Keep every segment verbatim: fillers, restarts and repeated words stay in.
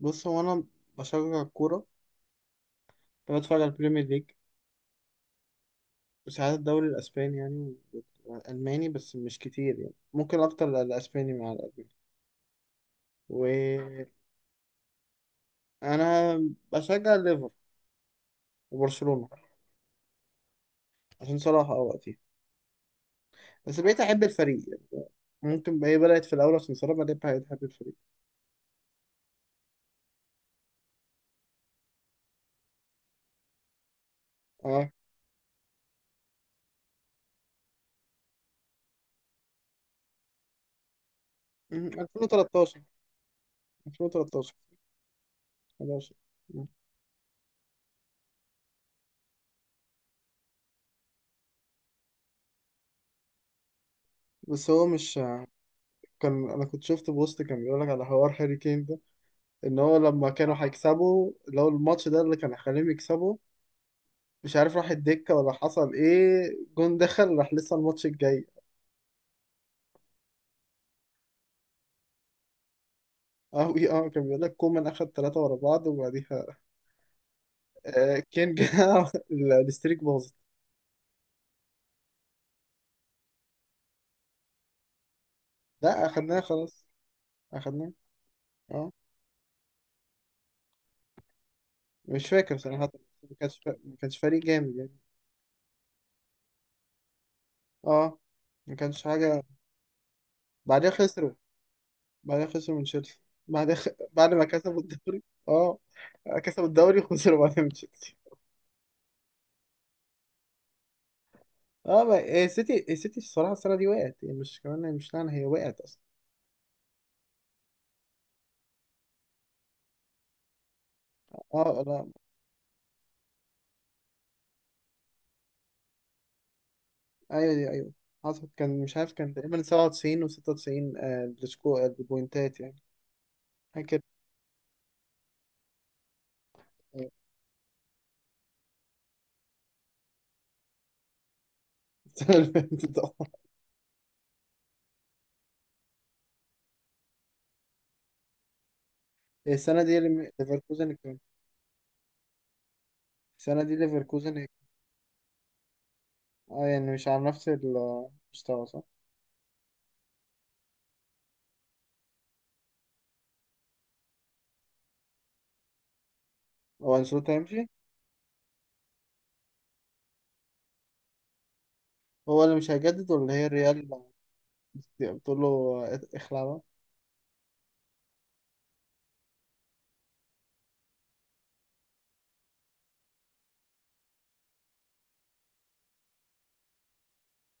بص، هو انا بشجع الكوره. بتفرج على البريمير ليج وساعات الدوري الاسباني، يعني، والالماني بس مش كتير. يعني ممكن اكتر الاسباني مع الالماني. وانا بشجع الليفر وبرشلونه عشان صلاح، اه، وقتي، بس بقيت احب الفريق، يعني ممكن بقى هي بدات في الاول عشان صلاح بعدين بقيت احب الفريق. اه. م- ألفين وثلاثطاشر. ألفين وثلاثطاشر. حداشر. بس هو مش. كان انا كنت شفت بوست كان بيقول لك على حوار هاري كين ده، ان هو لما كانوا هيكسبوا لو الماتش ده اللي كان هيخليهم يكسبوا، مش عارف راح الدكة ولا حصل ايه. جون دخل راح لسه الماتش الجاي. اه إيه، اه كان بيقول لك كومان اخد ثلاثة ورا بعض وبعديها آه كين جه ال- الستريك باظت. لا اخدناه خلاص. اخدناه. اه. مش فاكر صراحة. ما كانش فا- ما كانش فريق جامد يعني. اه. ما كانش حاجة. بعدها خسروا. بعدها خسروا من تشيلسي. بعد خ... بعد ما كسبوا الدوري. اه، كسبوا الدوري خسروا بعدها من تشيلسي. اه ما- إيه، السيتي السيتي الصراحه السنه دي وقعت، يعني مش كمان مش لعنه، هي وقعت اصلا. اه. لا. ايوه دي ايوه. حصل، كان مش عارف، كان تقريبا سبعة وتسعين و96. آه السكو آه، البوينتات يعني. فاكر. آه. السنه اللي فاتت، آه. السنه دي اللي- ليفركوزن كان. السنه دي ليفركوزن. اه، يعني مش على نفس المستوى، صح؟ هو انشيلوتي هيمشي. هو اللي مش هيجدد ولا هي الريال؟ بتقول له آه، اخلع بقى.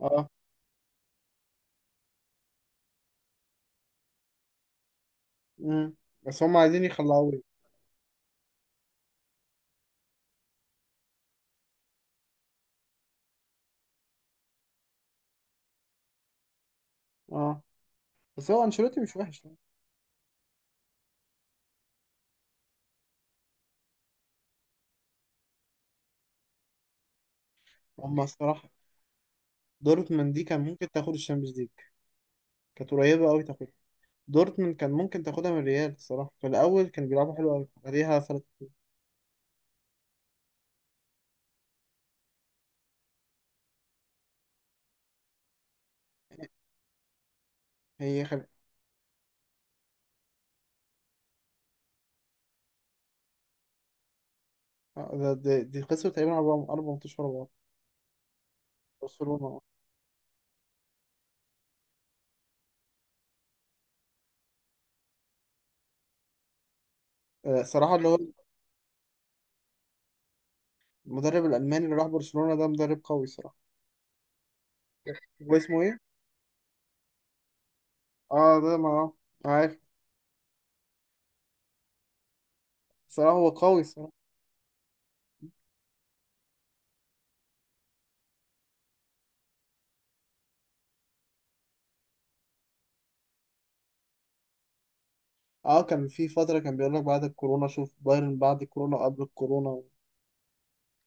اه. مم. بس هم عايزين يخلعوه. اه. بس هو انشيلوتي مش وحش يعني. هم الصراحة دورتموند دي كان ممكن تاخد الشامبيونز ليج. كانت قريبة أوي تاخدها. دورتموند كان ممكن تاخدها من الريال الصراحة. في الأول كانوا بيلعبوا حلو أوي عليها فرق. هي خل... آه، ده- ده- دي خسروا تقريبا أربع أربع ماتشات ورا بعض. برشلونة. آه، صراحة اللي هو المدرب الألماني اللي راح برشلونة ده مدرب قوي صراحة. هو اسمه إيه؟ آه ده ما عارف. صراحة هو قوي صراحة. آه، كان في فترة كان بيقول لك بعد الكورونا شوف بايرن بعد الكورونا وقبل الكورونا،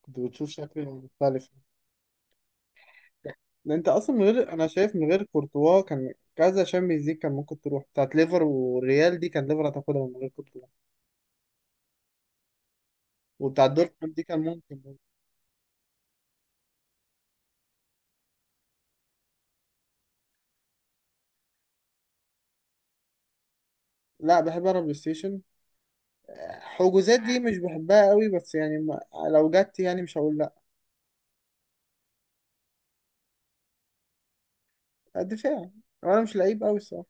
كنت بتشوف شكل مختلف. ده انت اصلا، من غير انا شايف، من غير كورتوا كان كذا شامبيونز ليج كان ممكن تروح. بتاعت ليفر والريال دي كان ليفر هتاخدها من غير كورتوا. وبتاعت دورتموند دي كان ممكن برضه. لا بحب انا بلاي ستيشن. حجوزات دي مش بحبها قوي بس يعني ما... لو جت يعني مش هقول لا. دفاع. وانا مش لعيب قوي الصراحه.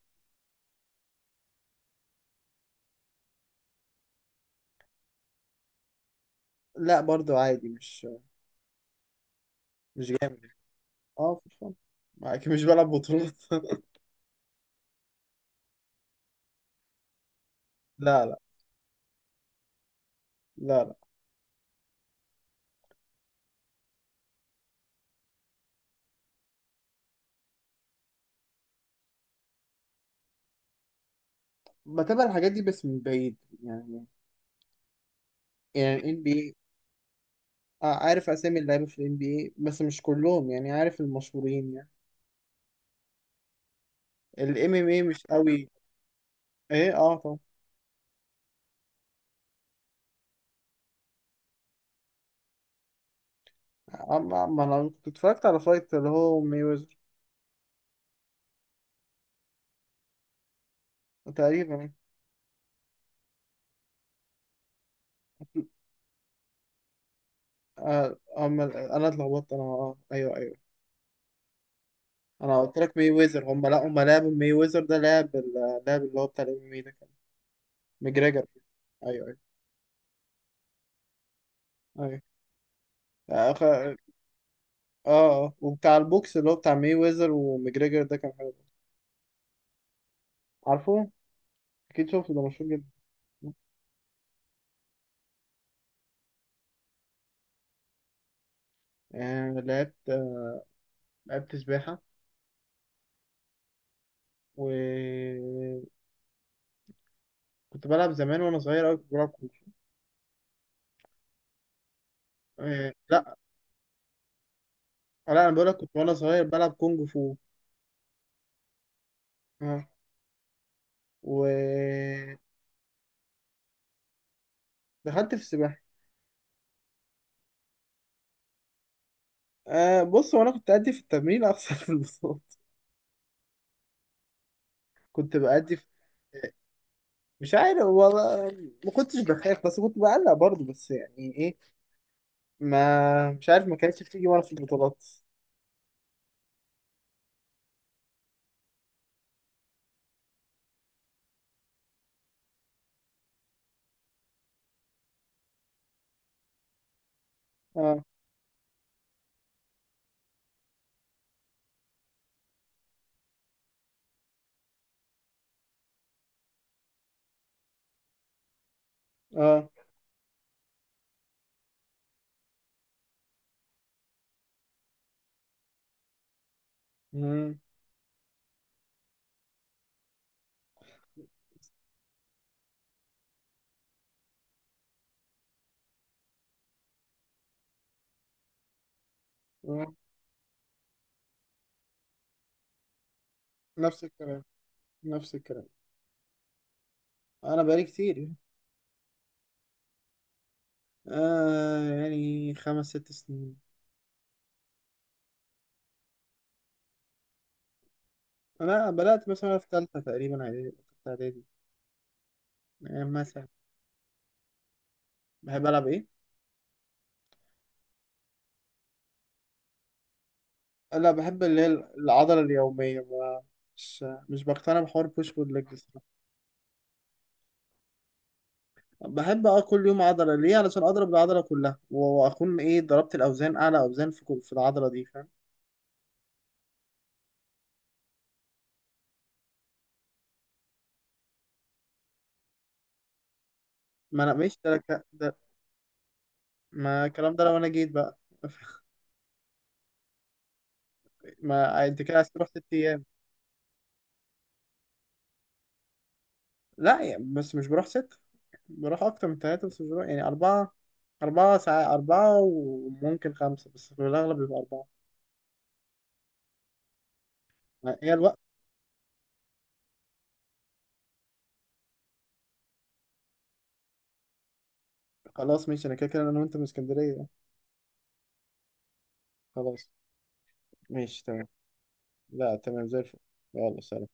لا برضو عادي، مش مش جامد. اه في الفن، اكيد مش بلعب بطولات. لا، لا. لا، لا. بتابع الحاجات دي بس من بعيد، يعني. يعني إن بي إيه. آه، عارف اسامي اللعيبه في الام بي اي بس مش كلهم، يعني عارف المشهورين يعني. الام ام اي مش قوي. ايه، اه طبعا. آه، ما ما انا كنت اتفرجت على فايت اللي هو ميوزر تقريبا يعني. آه، أما ال- انا اتلخبطت، انا، اه ايوه، ايوه. انا قلت لك مي ويزر، هم لا هم لعبوا، مي ويزر ده لعب، ال- لعب اللي هو بتاع الام ام اي، ده كان مجريجر. ايوه، ايوه. ايوه اه خ- اه آه. وبتاع البوكس اللي هو بتاع مي ويزر ومجريجر ده كان حلو. عارفه. اكيد شفته، ده مشهور جدا. آه لعبت، آه، لعبت سباحة. وكنت بلعب زمان وانا صغير قوي، كنت بلعب كونج فو. آه، لا. آه، لا، انا بقولك كنت وانا صغير بلعب كونج فو. اه. ودخلت في السباحه. آه بص، وانا كنت ادي في التمرين اخسر في البطولات. كنت بادي في، مش عارف والله، ما كنتش بخاف بس كنت بعلق برضه، بس يعني ايه، ما مش عارف، ما كانتش بتيجي وانا في البطولات. اه، اه. مم. مم. نفس الكلام. نفس الكلام. انا بقالي كتير، آه، يعني خمس ست سنين. انا بدات مثلا في ثالثه تقريبا، اعدادي، تالتة اعدادي. يعني مثلا بحب العب ايه. لا، بحب اللي هي العضله اليوميه. ما مش مش بقتنع بحوار بوش بول ليج الصراحه. بحب، اه، كل يوم عضله. ليه؟ علشان اضرب العضله كلها و- واكون ايه ضربت الاوزان، اعلى اوزان في كل- في العضله دي، فاهم. ما انا مش ده، لك- ده، ما الكلام ده لو انا جيت بقى. ما انت كده عايز تروح ست ايام. لا يعني، بس مش بروح ست، بروح اكتر من ثلاثه بس مش بروح يعني اربعه. أربعة ساعات، أربعة وممكن خمسة، بس في الأغلب بيبقى أربعة. هي الوقت. خلاص ماشي، انا كده كده انا وانت من اسكندريه. خلاص. ماشي تمام. لا تمام زي الفل. يلا سلام.